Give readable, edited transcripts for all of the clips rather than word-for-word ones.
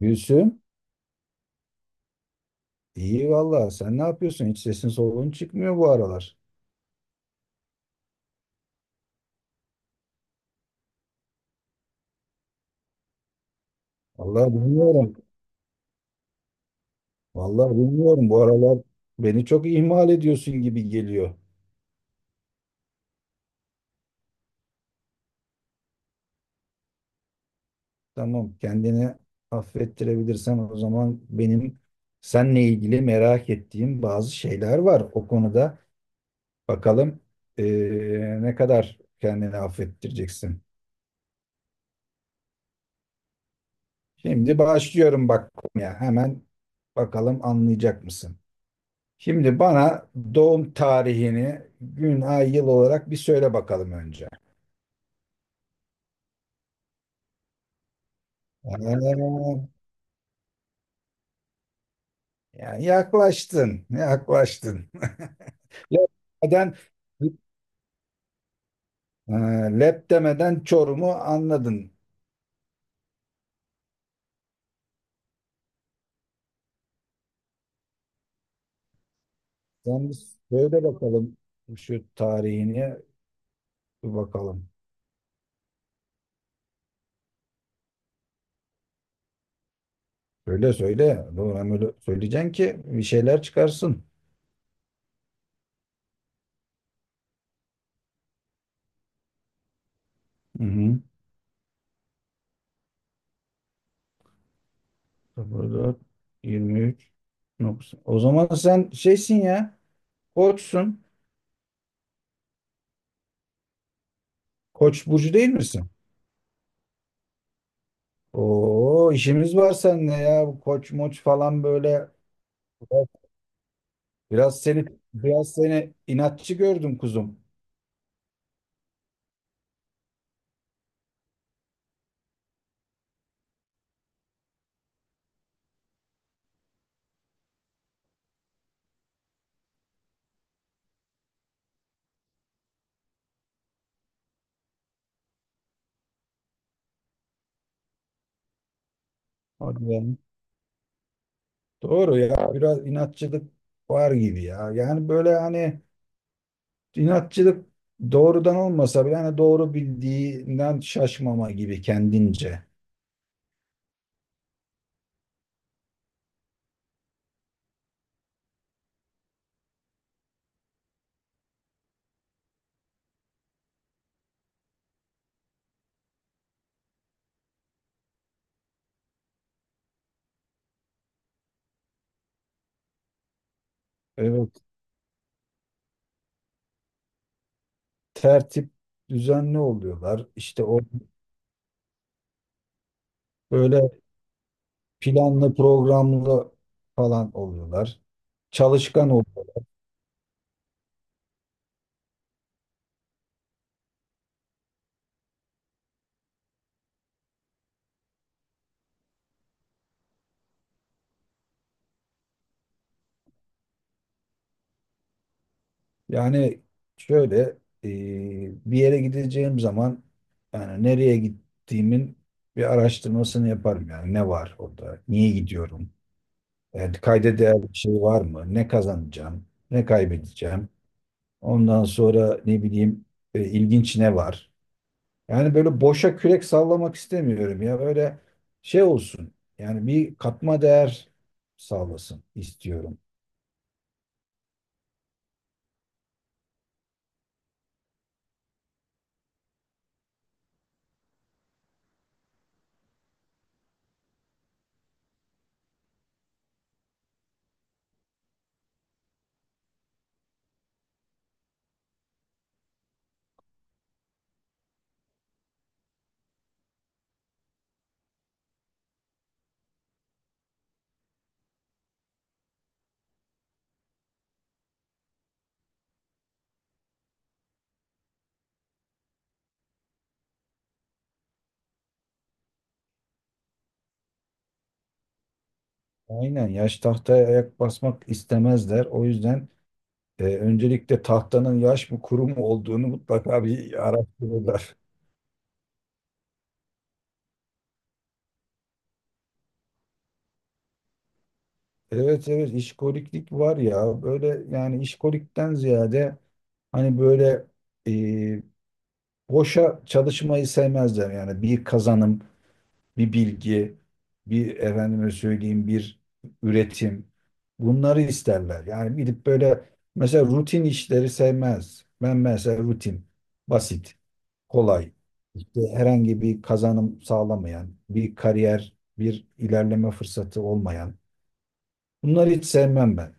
Gülsüm, iyi vallahi. Sen ne yapıyorsun? Hiç sesin soluğun çıkmıyor bu aralar. Vallahi bilmiyorum. Vallahi bilmiyorum. Bu aralar beni çok ihmal ediyorsun gibi geliyor. Tamam, kendini affettirebilirsen o zaman benim seninle ilgili merak ettiğim bazı şeyler var. O konuda bakalım ne kadar kendini affettireceksin. Şimdi başlıyorum bak, ya hemen bakalım, anlayacak mısın? Şimdi bana doğum tarihini gün, ay, yıl olarak bir söyle bakalım önce. Ee, Yani yaklaştın, yaklaştın. Lep demeden, e, Lep demeden Çorum'u anladın. Sen bir söyle bakalım şu tarihini, bir bakalım. Söyle, söyle. Doğru ama öyle söyleyeceksin ki bir şeyler çıkarsın. Hı hı. 04, 23, 90. O zaman sen şeysin ya, koçsun. Koç burcu değil misin? Oo, işimiz var seninle ya. Bu koç moç falan, böyle biraz seni biraz seni inatçı gördüm kuzum. Hadi ya. Doğru ya. Biraz inatçılık var gibi ya. Yani böyle hani, inatçılık doğrudan olmasa bile, hani doğru bildiğinden şaşmama gibi kendince. Evet. Tertip düzenli oluyorlar. İşte o böyle planlı programlı falan oluyorlar. Çalışkan oluyorlar. Yani şöyle, e, bir yere gideceğim zaman yani nereye gittiğimin bir araştırmasını yaparım. Yani ne var orada, niye gidiyorum, yani kayda değer bir şey var mı, ne kazanacağım, ne kaybedeceğim, ondan sonra ne bileyim ilginç ne var. Yani böyle boşa kürek sallamak istemiyorum ya, böyle şey olsun yani, bir katma değer sağlasın istiyorum. Aynen, yaş tahtaya ayak basmak istemezler o yüzden. Öncelikle tahtanın yaş mı kuru mu olduğunu mutlaka bir araştırırlar. Evet, evet, işkoliklik var ya böyle. Yani işkolikten ziyade, hani böyle e, boşa çalışmayı sevmezler. Yani bir kazanım, bir bilgi, bir efendime söyleyeyim, bir üretim, bunları isterler. Yani gidip böyle mesela rutin işleri sevmez. Ben mesela rutin, basit, kolay, işte herhangi bir kazanım sağlamayan, bir kariyer, bir ilerleme fırsatı olmayan, bunları hiç sevmem ben.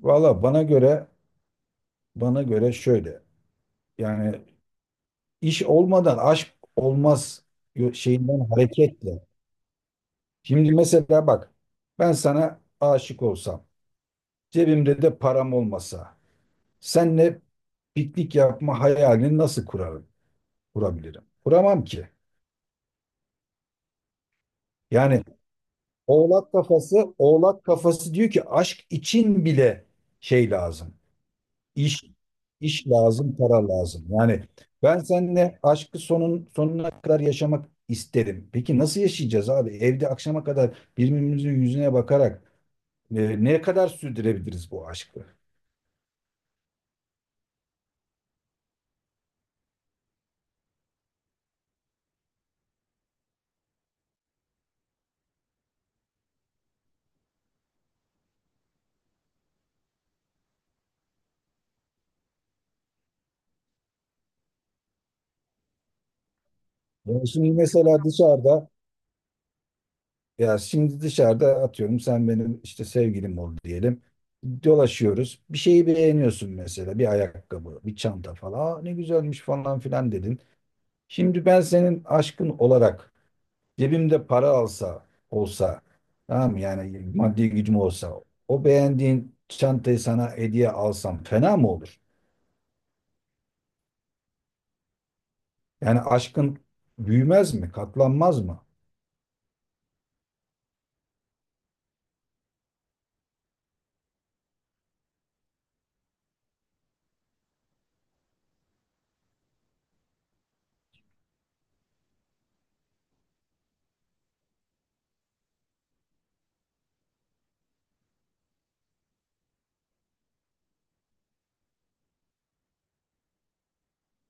Valla bana göre şöyle. Yani iş olmadan aşk olmaz şeyinden hareketle. Şimdi mesela bak, ben sana aşık olsam, cebimde de param olmasa, senle piknik yapma hayalini nasıl kurarım, kurabilirim? Kuramam ki. Yani oğlak kafası diyor ki aşk için bile şey lazım. İş, iş lazım, para lazım. Yani ben seninle aşkı sonuna kadar yaşamak isterim. Peki nasıl yaşayacağız abi? Evde akşama kadar birbirimizin yüzüne bakarak ne kadar sürdürebiliriz bu aşkı? Yani şimdi mesela dışarıda Ya şimdi dışarıda, atıyorum, sen benim işte sevgilim ol diyelim. Dolaşıyoruz. Bir şeyi beğeniyorsun mesela. Bir ayakkabı, bir çanta falan. Aa, ne güzelmiş falan filan dedin. Şimdi ben senin aşkın olarak cebimde para olsa, tamam mı? Yani maddi gücüm olsa o beğendiğin çantayı sana hediye alsam fena mı olur? Yani aşkın büyümez mi? Katlanmaz mı?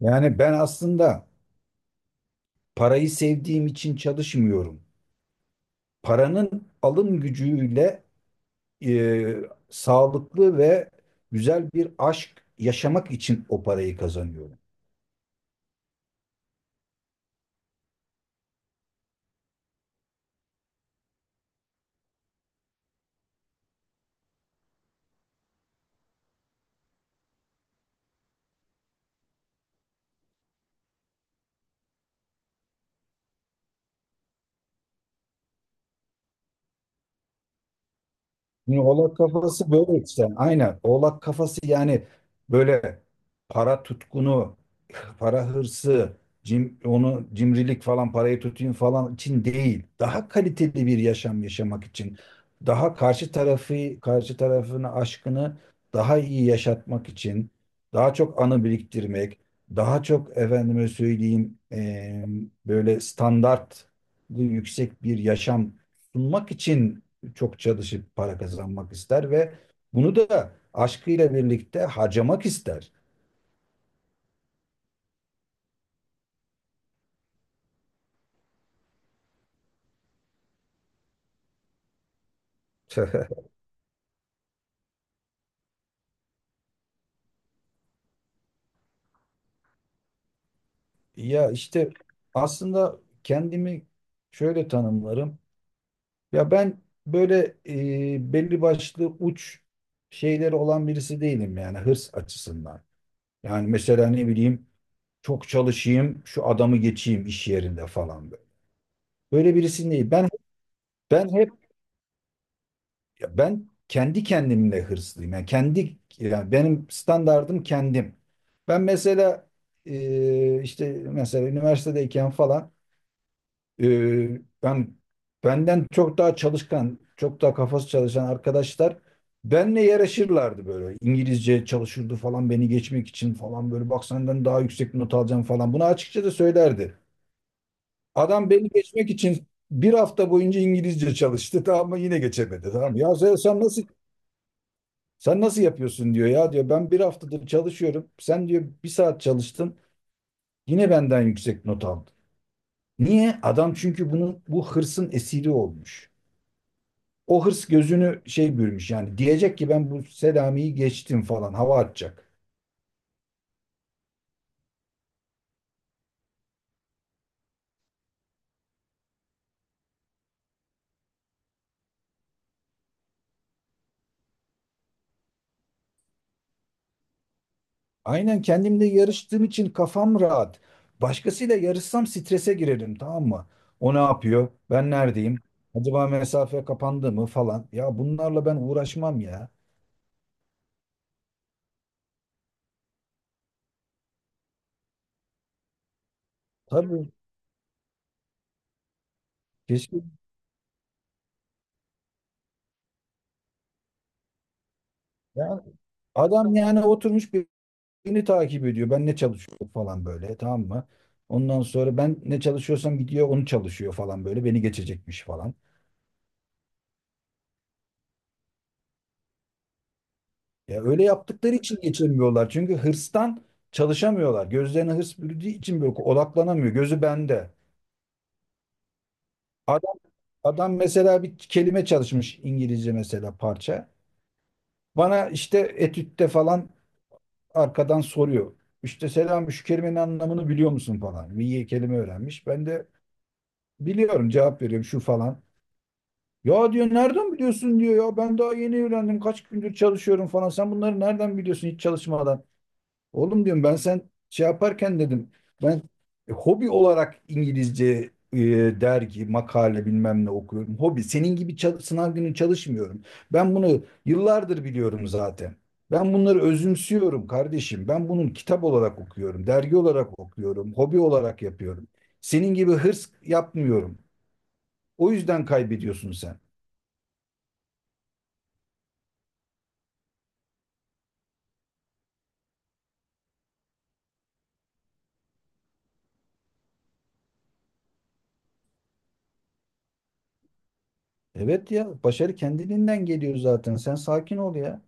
Yani ben aslında parayı sevdiğim için çalışmıyorum. Paranın alım gücüyle e, sağlıklı ve güzel bir aşk yaşamak için o parayı kazanıyorum. Şimdi oğlak kafası böyle işte. Aynen. Oğlak kafası yani böyle para tutkunu, para hırsı, onu cimrilik falan, parayı tutayım falan için değil. Daha kaliteli bir yaşam yaşamak için. Daha karşı tarafını, aşkını daha iyi yaşatmak için. Daha çok anı biriktirmek. Daha çok efendime söyleyeyim böyle standart yüksek bir yaşam sunmak için çok çalışıp para kazanmak ister ve bunu da aşkıyla birlikte harcamak ister. Ya işte aslında kendimi şöyle tanımlarım. Ya ben böyle belli başlı uç şeyleri olan birisi değilim yani, hırs açısından. Yani mesela ne bileyim, çok çalışayım, şu adamı geçeyim iş yerinde falan böyle. Böyle birisi değil. Ben ben Ya ben kendi kendimle hırslıyım. Yani kendi yani benim standardım kendim. Ben mesela işte mesela üniversitedeyken falan, e, ben benden çok daha çalışkan, çok daha kafası çalışan arkadaşlar benle yarışırlardı böyle. İngilizce çalışırdı falan beni geçmek için. Falan böyle, bak senden daha yüksek not alacağım falan. Bunu açıkça da söylerdi. Adam beni geçmek için bir hafta boyunca İngilizce çalıştı tamam mı? Yine geçemedi tamam mı? Ya sen nasıl yapıyorsun diyor ya, diyor ben bir haftadır çalışıyorum. Sen diyor bir saat çalıştın, yine benden yüksek not aldın. Niye? Adam, çünkü bunun hırsın esiri olmuş. O hırs gözünü şey bürümüş yani, diyecek ki ben bu Selami'yi geçtim falan, hava atacak. Aynen, kendimle yarıştığım için kafam rahat. Başkasıyla yarışsam strese girerim tamam mı? O ne yapıyor? Ben neredeyim? Acaba mesafe kapandı mı falan. Ya bunlarla ben uğraşmam ya. Tabii. Keşke. Yani adam yani oturmuş birini takip ediyor. Ben ne çalışıyorum falan böyle, tamam mı? Ondan sonra ben ne çalışıyorsam gidiyor onu çalışıyor falan böyle, beni geçecekmiş falan. Ya öyle yaptıkları için geçemiyorlar. Çünkü hırstan çalışamıyorlar. Gözlerine hırs bürüdüğü için böyle odaklanamıyor. Gözü bende. Adam, adam mesela bir kelime çalışmış İngilizce, mesela parça. Bana işte etütte falan arkadan soruyor. İşte selam, şu kelimenin anlamını biliyor musun falan. Bir kelime öğrenmiş. Ben de biliyorum, cevap veriyorum şu falan. Ya diyor nereden biliyorsun, diyor ya ben daha yeni evlendim, kaç gündür çalışıyorum falan. Sen bunları nereden biliyorsun hiç çalışmadan? Oğlum diyorum, ben sen şey yaparken dedim, ben hobi olarak İngilizce dergi, makale, bilmem ne okuyorum. Hobi, senin gibi sınav günü çalışmıyorum. Ben bunu yıllardır biliyorum zaten. Ben bunları özümsüyorum kardeşim. Ben bunun kitap olarak okuyorum, dergi olarak okuyorum, hobi olarak yapıyorum. Senin gibi hırs yapmıyorum. O yüzden kaybediyorsun sen. Evet, ya başarı kendiliğinden geliyor zaten. Sen sakin ol ya.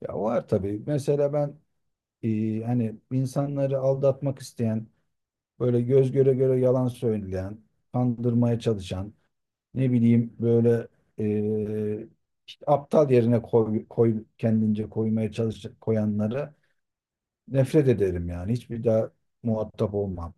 Ya var tabii. Mesela ben hani insanları aldatmak isteyen, böyle göz göre göre yalan söyleyen, kandırmaya çalışan, ne bileyim böyle, e, işte aptal yerine kendince koymaya çalış, koyanlara nefret ederim yani. Hiçbir daha muhatap olmam.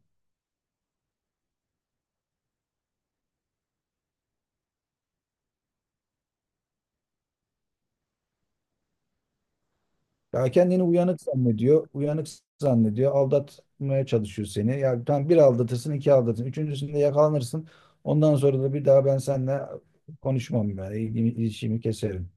Ya kendini uyanık zannediyor. Uyanık zannediyor. Aldatmaya çalışıyor seni. Ya tamam, bir aldatırsın, iki aldatırsın. Üçüncüsünde yakalanırsın. Ondan sonra da bir daha ben seninle konuşmam yani. İlgimi, ilişkimi keserim.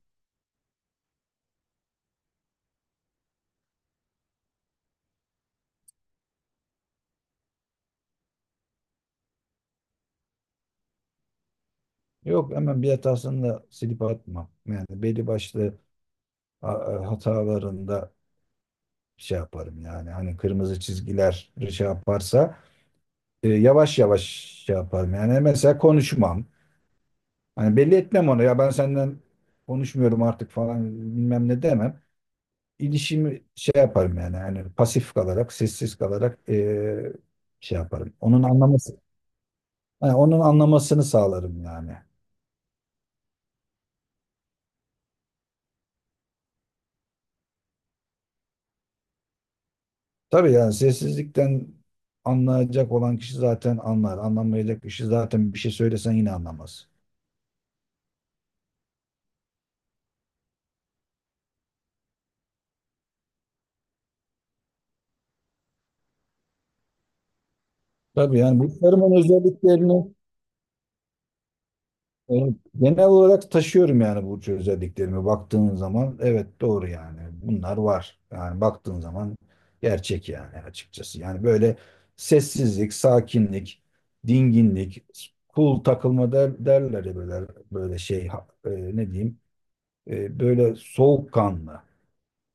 Yok, hemen bir hatasını da silip atmam. Yani belli başlı hatalarında şey yaparım yani. Hani kırmızı çizgiler şey yaparsa yavaş yavaş şey yaparım. Yani mesela konuşmam. Hani belli etmem onu. Ya ben senden konuşmuyorum artık falan, bilmem ne demem. İlişimi şey yaparım yani pasif kalarak, sessiz kalarak şey yaparım. Onun anlamasını sağlarım yani. Tabii, yani sessizlikten anlayacak olan kişi zaten anlar. Anlamayacak kişi zaten bir şey söylesen yine anlamaz. Tabii, yani burçlarımın özelliklerini, evet, genel olarak taşıyorum yani. Burcu özelliklerimi baktığın zaman evet, doğru yani, bunlar var yani, baktığın zaman gerçek yani. Açıkçası yani böyle sessizlik, sakinlik, dinginlik, cool takılma derler ya, böyle böyle şey, ne diyeyim, böyle soğukkanlı,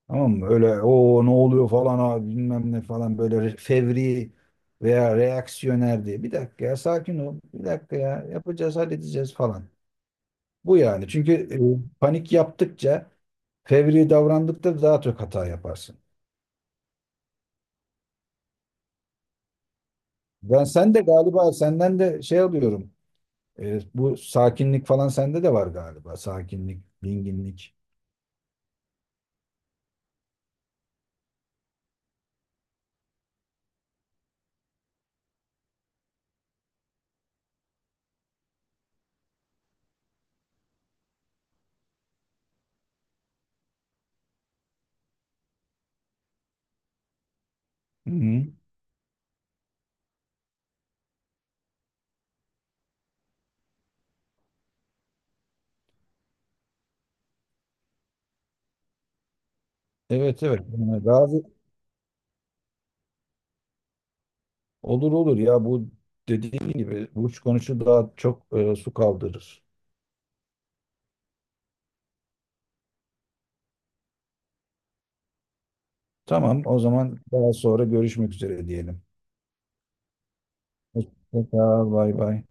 tamam mı, öyle o ne oluyor falan abi, bilmem ne falan, böyle fevri veya reaksiyoner diye. Bir dakika ya, sakin ol, bir dakika ya, yapacağız, halledeceğiz falan. Bu yani. Çünkü panik yaptıkça, fevri davrandıkça daha çok hata yaparsın. Ben, sen de galiba, senden de şey alıyorum. Bu sakinlik falan sende de var galiba. Sakinlik, dinginlik. Hı-hı. Evet, evet. Yani razı olur, olur ya bu, dediğin gibi uç konuşu daha çok su kaldırır. Tamam, o zaman daha sonra görüşmek üzere diyelim. Hoşça kal, bay bay.